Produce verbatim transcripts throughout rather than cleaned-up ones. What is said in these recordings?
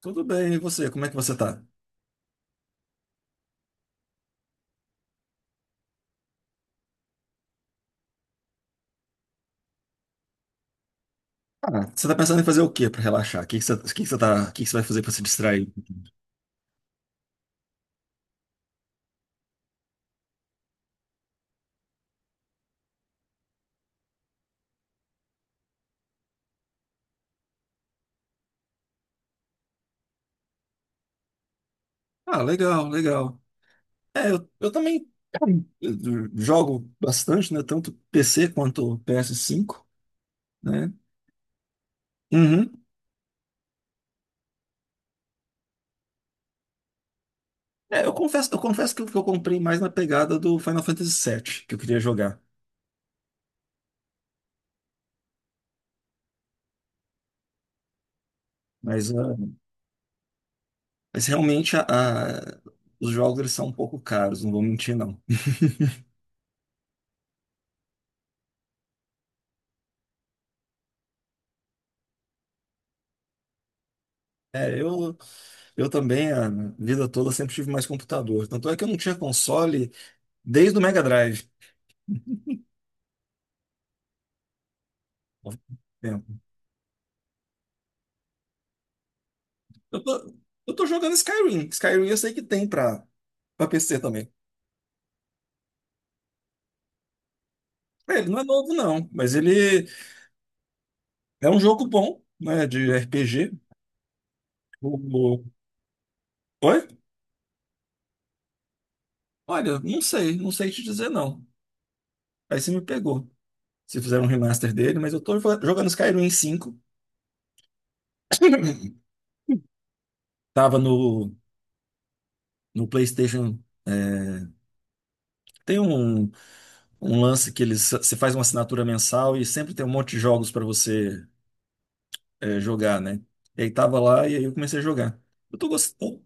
Tudo bem, e você? Como é que você tá? Ah, você tá pensando em fazer o quê pra relaxar? O que que você, o que que você tá, O que que você vai fazer pra se distrair? Ah, legal, legal. É, eu, eu também, eu jogo bastante, né? Tanto P C quanto P S cinco, né? Uhum. É, eu confesso, eu confesso que eu, que eu comprei mais na pegada do Final Fantasy vii, que eu queria jogar. Mas, ah, mas realmente a, a- os jogos, eles são um pouco caros, não vou mentir, não. É, eu, eu também, a vida toda, sempre tive mais computador. Tanto é que eu não tinha console, desde o Mega Drive. Tempo. Eu tô, eu tô jogando Skyrim. Skyrim eu sei que tem pra, pra P C também. É, ele não é novo, não, mas ele é um jogo bom, né? De R P G. O- o- Oi? Olha, não sei, não sei te dizer, não. Aí você me pegou. Se fizeram um remaster dele, mas eu tô jo- jogando Skyrim cinco. Tava no, no PlayStation. É, tem um, um lance que eles, você faz uma assinatura mensal e sempre tem um monte de jogos pra você é, jogar, né? E aí tava lá e aí eu comecei a jogar. Eu tô gostando.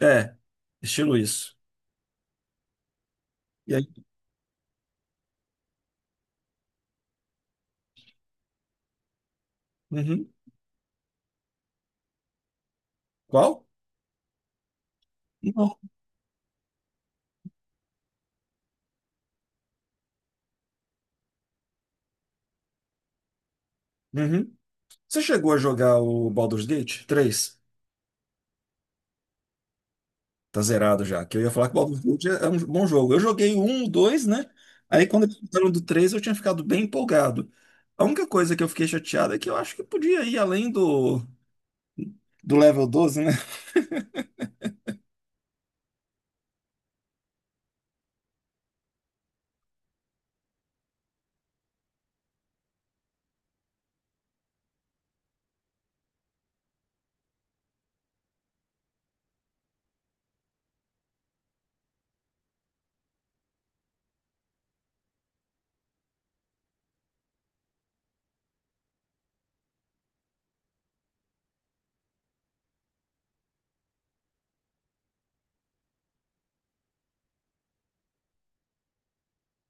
É, estilo isso. E aí, uhum. Qual? Não. Uhum. Você chegou a jogar o Baldur's Gate três? Tá zerado já, que eu ia falar que o Baldur's Gate é é um bom jogo. Eu joguei o um, o dois, né? Aí quando eles fizeram do três eu tinha ficado bem empolgado. A única coisa que eu fiquei chateado é que eu acho que podia ir além do, do level doze, né?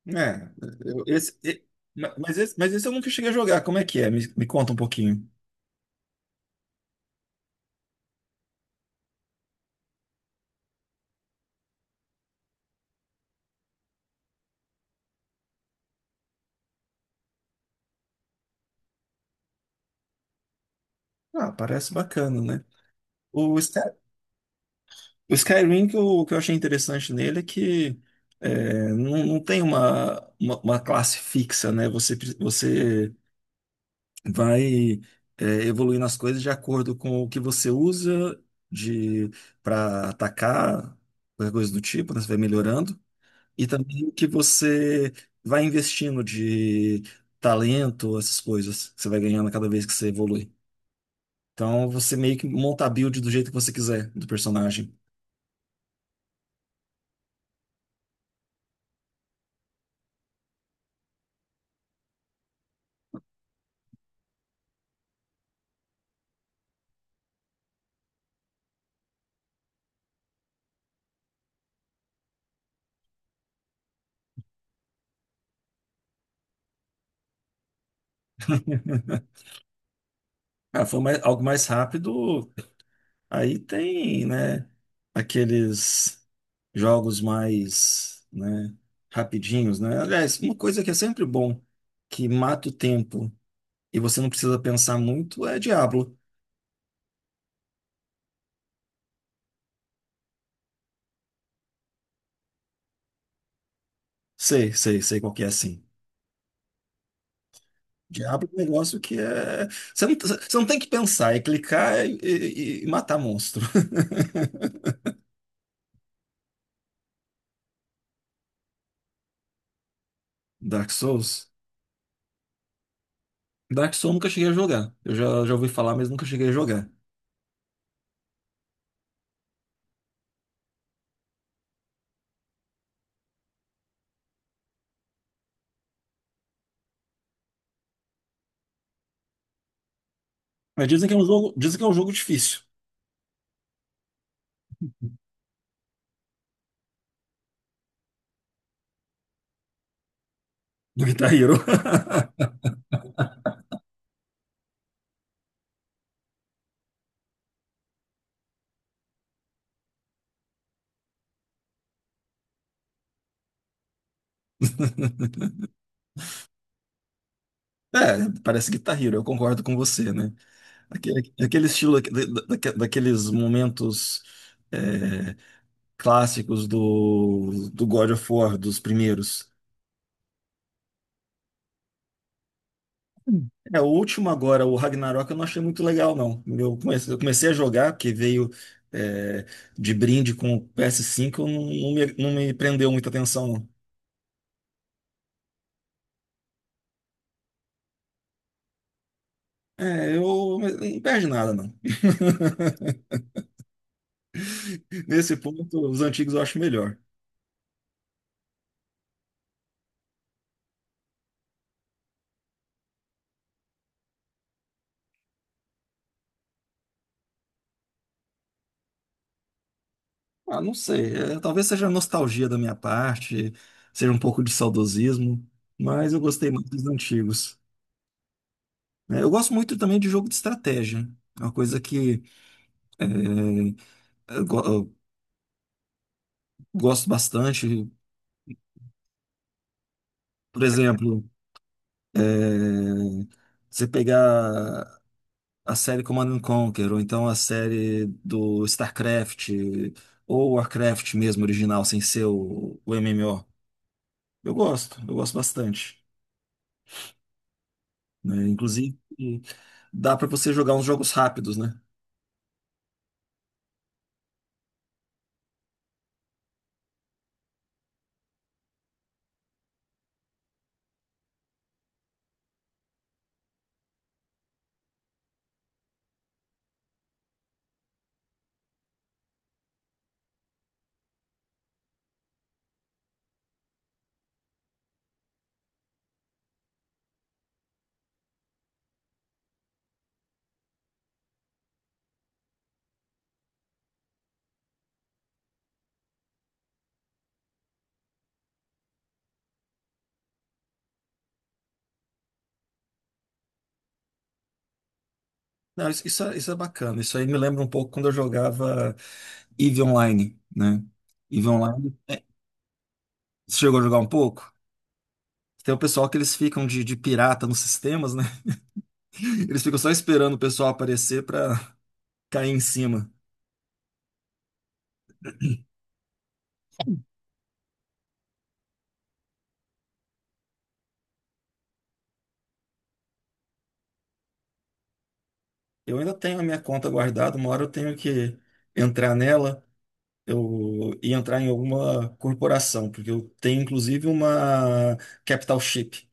É, eu- esse, e- ma- mas, esse, mas esse eu nunca cheguei a jogar. Como é que é? Me, me conta um pouquinho. Ah, parece bacana, né? O, Sky, o Skyrim, que eu, que eu achei interessante nele é que, é, não, não tem uma, uma, uma classe fixa, né? Você, pre- você vai, é, evoluindo as coisas de acordo com o que você usa de para atacar, qualquer coisa do tipo, né? Você vai melhorando. E também o que você vai investindo de talento, essas coisas que você vai ganhando cada vez que você evolui. Então você meio que monta a build do jeito que você quiser do personagem. Ah, foi mais- algo mais rápido. Aí tem, né, aqueles jogos mais, né, rapidinhos, né? Aliás, uma coisa que é sempre bom, que mata o tempo e você não precisa pensar muito, é Diablo. Sei, sei, sei qual que é assim. Diablo é um negócio que é. Você não, você não tem que pensar, é clicar e, e- e matar monstro. Dark Souls? Dark Souls eu nunca cheguei a jogar. Eu já, já ouvi falar, mas nunca cheguei a jogar. Mas dizem que é um jogo, dizem que é um jogo difícil. Do Guitar Hero. É, parece Guitar Hero, eu concordo com você, né? Aquele, aquele estilo, aque- da- da- daqueles momentos, é, clássicos do, do God of War, dos primeiros. É, o último agora, o Ragnarok, eu não achei muito legal, não. Eu comecei, eu comecei a jogar, porque veio, é, de brinde com o P S cinco, eu não, não me, não me prendeu muita atenção, não. É, eu não perde nada, não. Nesse ponto, os antigos eu acho melhor. Ah, não sei. É, talvez seja nostalgia da minha parte, seja um pouco de saudosismo, mas eu gostei muito dos antigos. É, eu gosto muito também de jogo de estratégia. É Uma coisa que, eh, eu, go- eu gosto bastante. Por exemplo, é, você pegar a série Command and Conquer, ou então a série do StarCraft, ou Warcraft mesmo, original, sem ser o, o M M O. Eu gosto, eu gosto bastante, né? Inclusive, dá para você jogar uns jogos rápidos, né? Não, isso, isso é, isso é bacana. Isso aí me lembra um pouco quando eu jogava EVE Online, né? EVE Online, você chegou a jogar um pouco? Tem o pessoal que eles ficam de, de pirata nos sistemas, né? Eles ficam só esperando o pessoal aparecer para cair em cima. Eu ainda tenho a minha conta guardada, uma hora eu tenho que entrar nela. Eu e entrar em alguma corporação, porque eu tenho inclusive uma Capital Ship,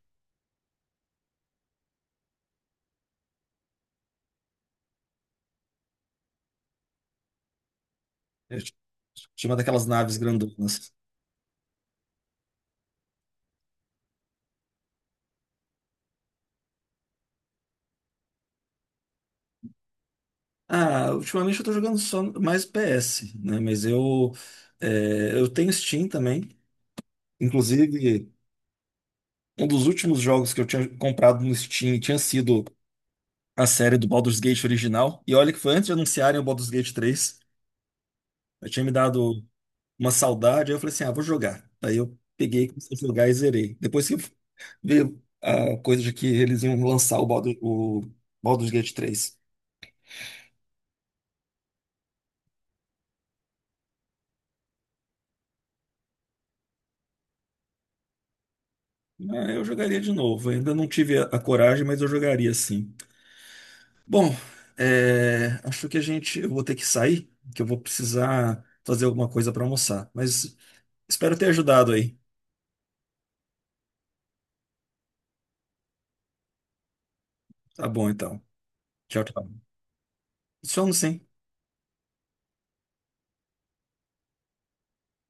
é, chama daquelas naves grandonas. Ah, ultimamente eu tô jogando só mais P S, né? Mas eu, é, eu tenho Steam também. Inclusive, um dos últimos jogos que eu tinha comprado no Steam tinha sido a série do Baldur's Gate original. E olha que foi antes de anunciarem o Baldur's Gate três. Eu tinha me dado uma saudade, aí eu falei assim, ah, vou jogar. Aí eu peguei, comecei a jogar e zerei. Depois que veio a coisa de que eles iam lançar o Baldur- o Baldur's Gate três. Ah, eu jogaria de novo. Ainda não tive a a coragem, mas eu jogaria sim. Bom, é, acho que a gente, eu vou ter que sair, que eu vou precisar fazer alguma coisa para almoçar. Mas espero ter ajudado aí. Tá bom, então. Tchau, tchau. Somos sim.